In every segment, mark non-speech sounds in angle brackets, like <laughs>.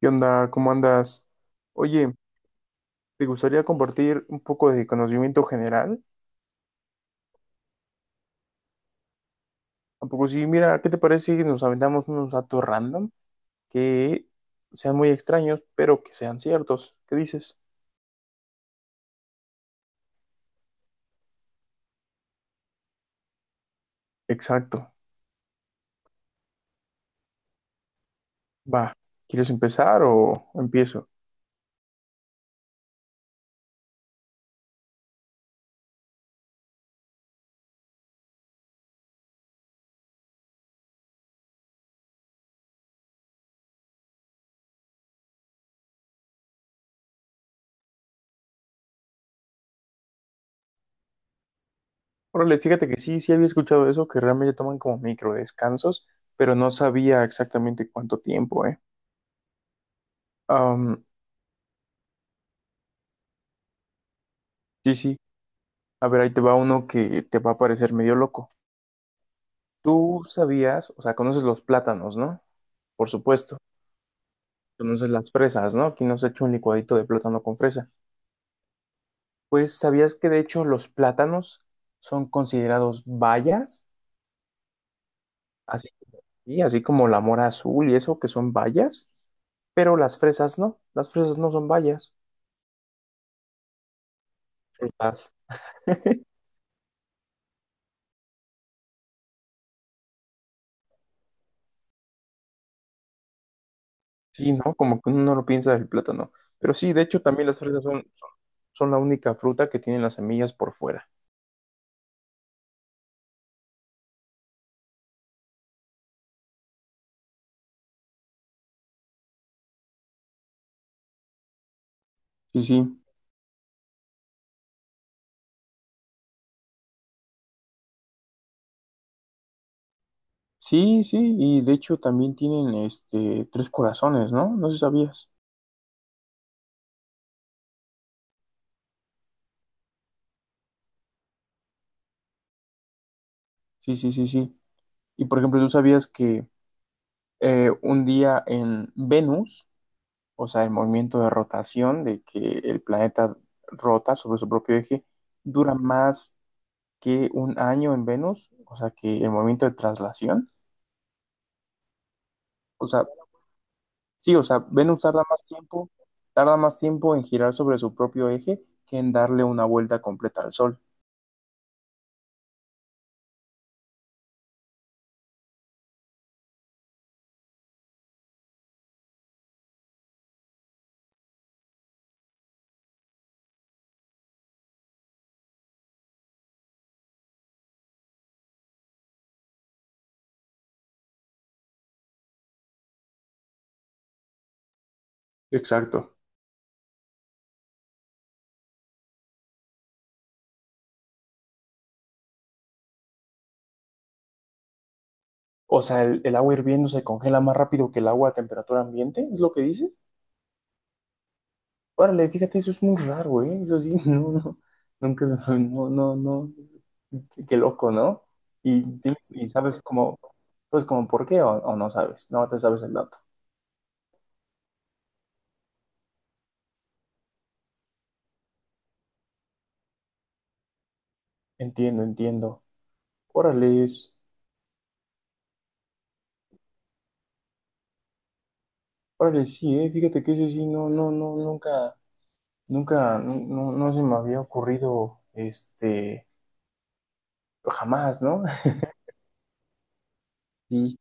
¿Qué onda? ¿Cómo andas? Oye, ¿te gustaría compartir un poco de conocimiento general? ¿A poco sí? Mira, ¿qué te parece si nos aventamos unos datos random que sean muy extraños, pero que sean ciertos? ¿Qué dices? Exacto. Va. ¿Quieres empezar o empiezo? Órale, fíjate que sí, sí había escuchado eso, que realmente toman como micro descansos, pero no sabía exactamente cuánto tiempo, ¿eh? Am, sí, sí. A ver, ahí te va uno que te va a parecer medio loco. Tú sabías, o sea, conoces los plátanos, ¿no? Por supuesto. Conoces las fresas, ¿no? Aquí nos ha hecho un licuadito de plátano con fresa. Pues sabías que de hecho los plátanos son considerados bayas, así, y así como la mora azul y eso, que son bayas, pero las fresas no son bayas, frutas. Sí, ¿no? Como que uno no lo piensa del plátano. Pero sí, de hecho también las fresas son la única fruta que tienen las semillas por fuera. Sí, sí. Sí, sí, y de hecho también tienen tres corazones, ¿no? No sé si sabías. Sí, sí, sí, sí. Y por ejemplo, ¿tú sabías que un día en Venus, o sea, el movimiento de rotación de que el planeta rota sobre su propio eje, dura más que un año en Venus? O sea, que el movimiento de traslación. O sea, sí, o sea, Venus tarda más tiempo en girar sobre su propio eje que en darle una vuelta completa al Sol. Exacto. O sea, el agua hirviendo se congela más rápido que el agua a temperatura ambiente, ¿es lo que dices? Órale, fíjate, eso es muy raro, ¿eh? Eso sí, <laughs> no, no, nunca, no, no, no, qué loco, ¿no? Y sabes cómo, pues como por qué o no sabes, no te sabes el dato. Entiendo, entiendo. Órale, órale, sí, ¿eh? Fíjate que eso sí, no, no, no, nunca, nunca, no, no no se me había ocurrido, jamás, ¿no? <laughs> Sí.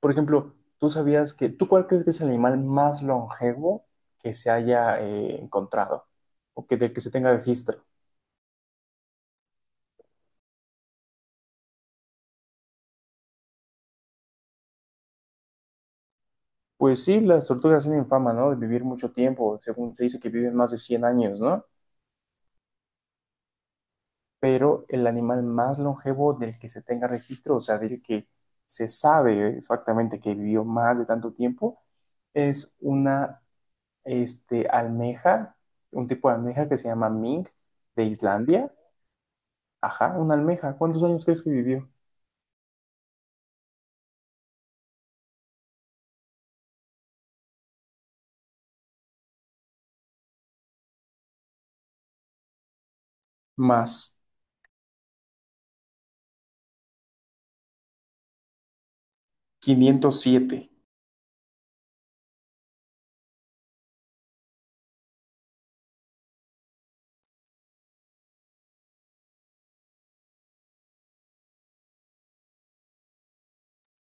Por ejemplo, ¿tú sabías que, tú cuál crees que es el animal más longevo que se haya encontrado o que del que se tenga registro? Pues sí, las tortugas tienen fama, ¿no? De vivir mucho tiempo, según se dice que viven más de 100 años, ¿no? Pero el animal más longevo del que se tenga registro, o sea, del que se sabe exactamente que vivió más de tanto tiempo, es una almeja, un tipo de almeja que se llama mink de Islandia. Ajá, una almeja. ¿Cuántos años crees que vivió? Más 507,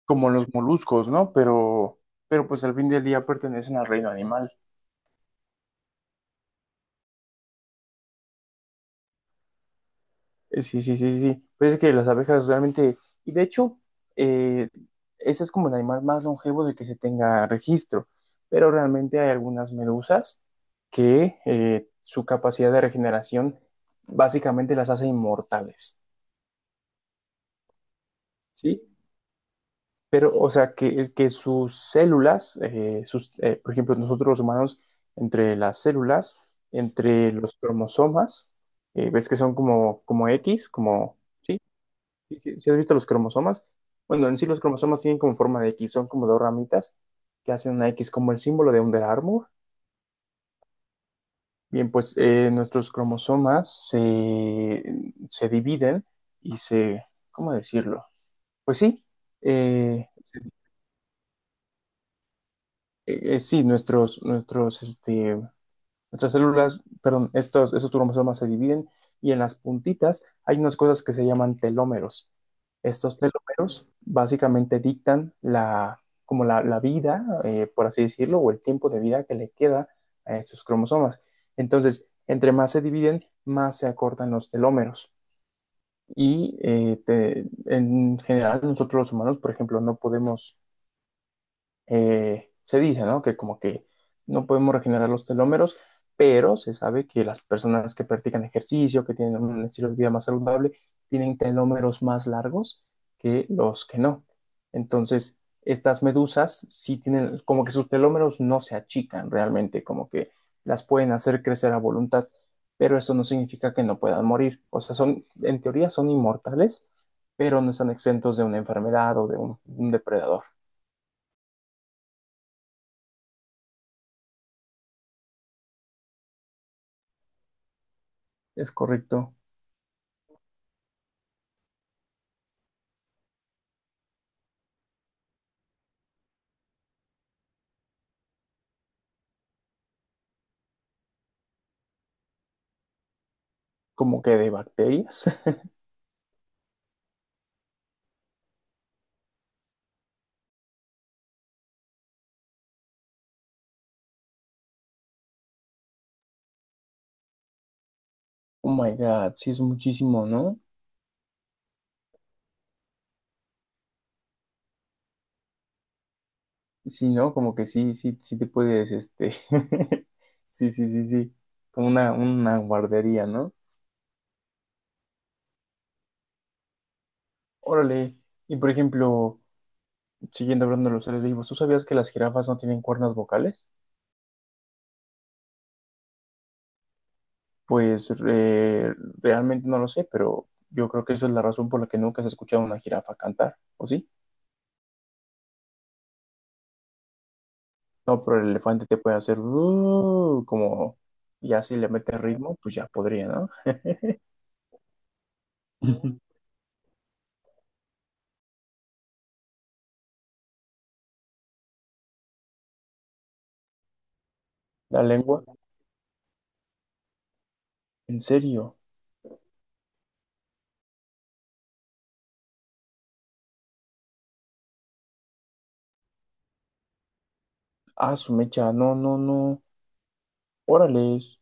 como los moluscos, ¿no? Pero pues al fin del día pertenecen al reino animal. Sí, sí, sí, sí. Sí. Pues es que las abejas realmente, y de hecho, eh, ese es como el animal más longevo del que se tenga registro, pero realmente hay algunas medusas que su capacidad de regeneración básicamente las hace inmortales, ¿sí? Pero, o sea, que sus células, por ejemplo, nosotros los humanos, entre las células, entre los cromosomas, ves que son como X, como, ¿sí? Si has visto los cromosomas, bueno, en sí los cromosomas tienen como forma de X, son como dos ramitas que hacen una X como el símbolo de Under Armour. Bien, pues nuestros cromosomas se dividen y ¿cómo decirlo? Pues sí, se sí, nuestras células, perdón, esos cromosomas se dividen y en las puntitas hay unas cosas que se llaman telómeros. Estos telómeros básicamente dictan la, como la vida, por así decirlo, o el tiempo de vida que le queda a estos cromosomas. Entonces, entre más se dividen, más se acortan los telómeros. Y en general nosotros los humanos, por ejemplo, no podemos se dice, ¿no? Que como que no podemos regenerar los telómeros, pero se sabe que las personas que practican ejercicio, que tienen un estilo de vida más saludable, tienen telómeros más largos que los que no. Entonces, estas medusas sí tienen, como que sus telómeros no se achican realmente, como que las pueden hacer crecer a voluntad, pero eso no significa que no puedan morir. O sea, son, en teoría son inmortales, pero no están exentos de una enfermedad o de un depredador. Es correcto. Como que de bacterias. <laughs> Oh my God, sí es muchísimo, ¿no? Sí, ¿no? Como que sí, sí, sí te puedes, <laughs> sí, sí, sí, sí, como una guardería, ¿no? Órale, y por ejemplo, siguiendo hablando de los seres vivos, ¿tú sabías que las jirafas no tienen cuerdas vocales? Pues realmente no lo sé, pero yo creo que eso es la razón por la que nunca has escuchado a una jirafa cantar, ¿o sí? No, pero el elefante te puede hacer como, y así le mete ritmo, pues ya podría, ¿no? <laughs> La lengua, en serio. Ah, su mecha, no, no, no. Órales.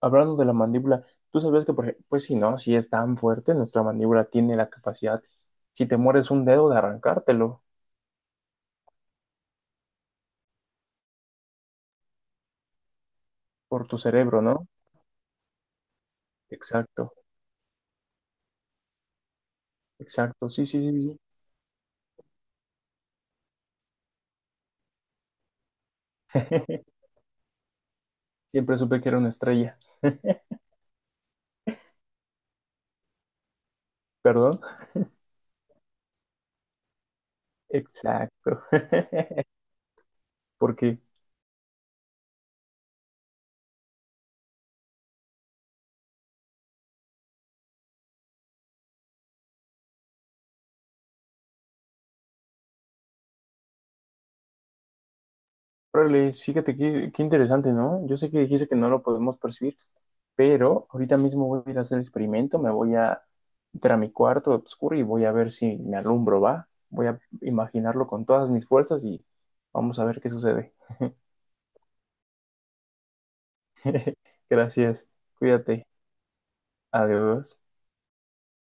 Hablando de la mandíbula, ¿tú sabías que, pues si no, si es tan fuerte, nuestra mandíbula tiene la capacidad, si te mueres un dedo, de arrancártelo por tu cerebro, ¿no? Exacto, exacto. Sí, sí, sí, sí. <laughs> Siempre supe que era una estrella. ¿Perdón? Exacto. <laughs> Porque, órales, fíjate qué interesante, ¿no? Yo sé que dijiste que no lo podemos percibir, pero ahorita mismo voy a ir a hacer el experimento, me voy a entrar a mi cuarto oscuro y voy a ver si me alumbro, ¿va? Voy a imaginarlo con todas mis fuerzas y vamos a ver qué sucede. Gracias, cuídate, adiós.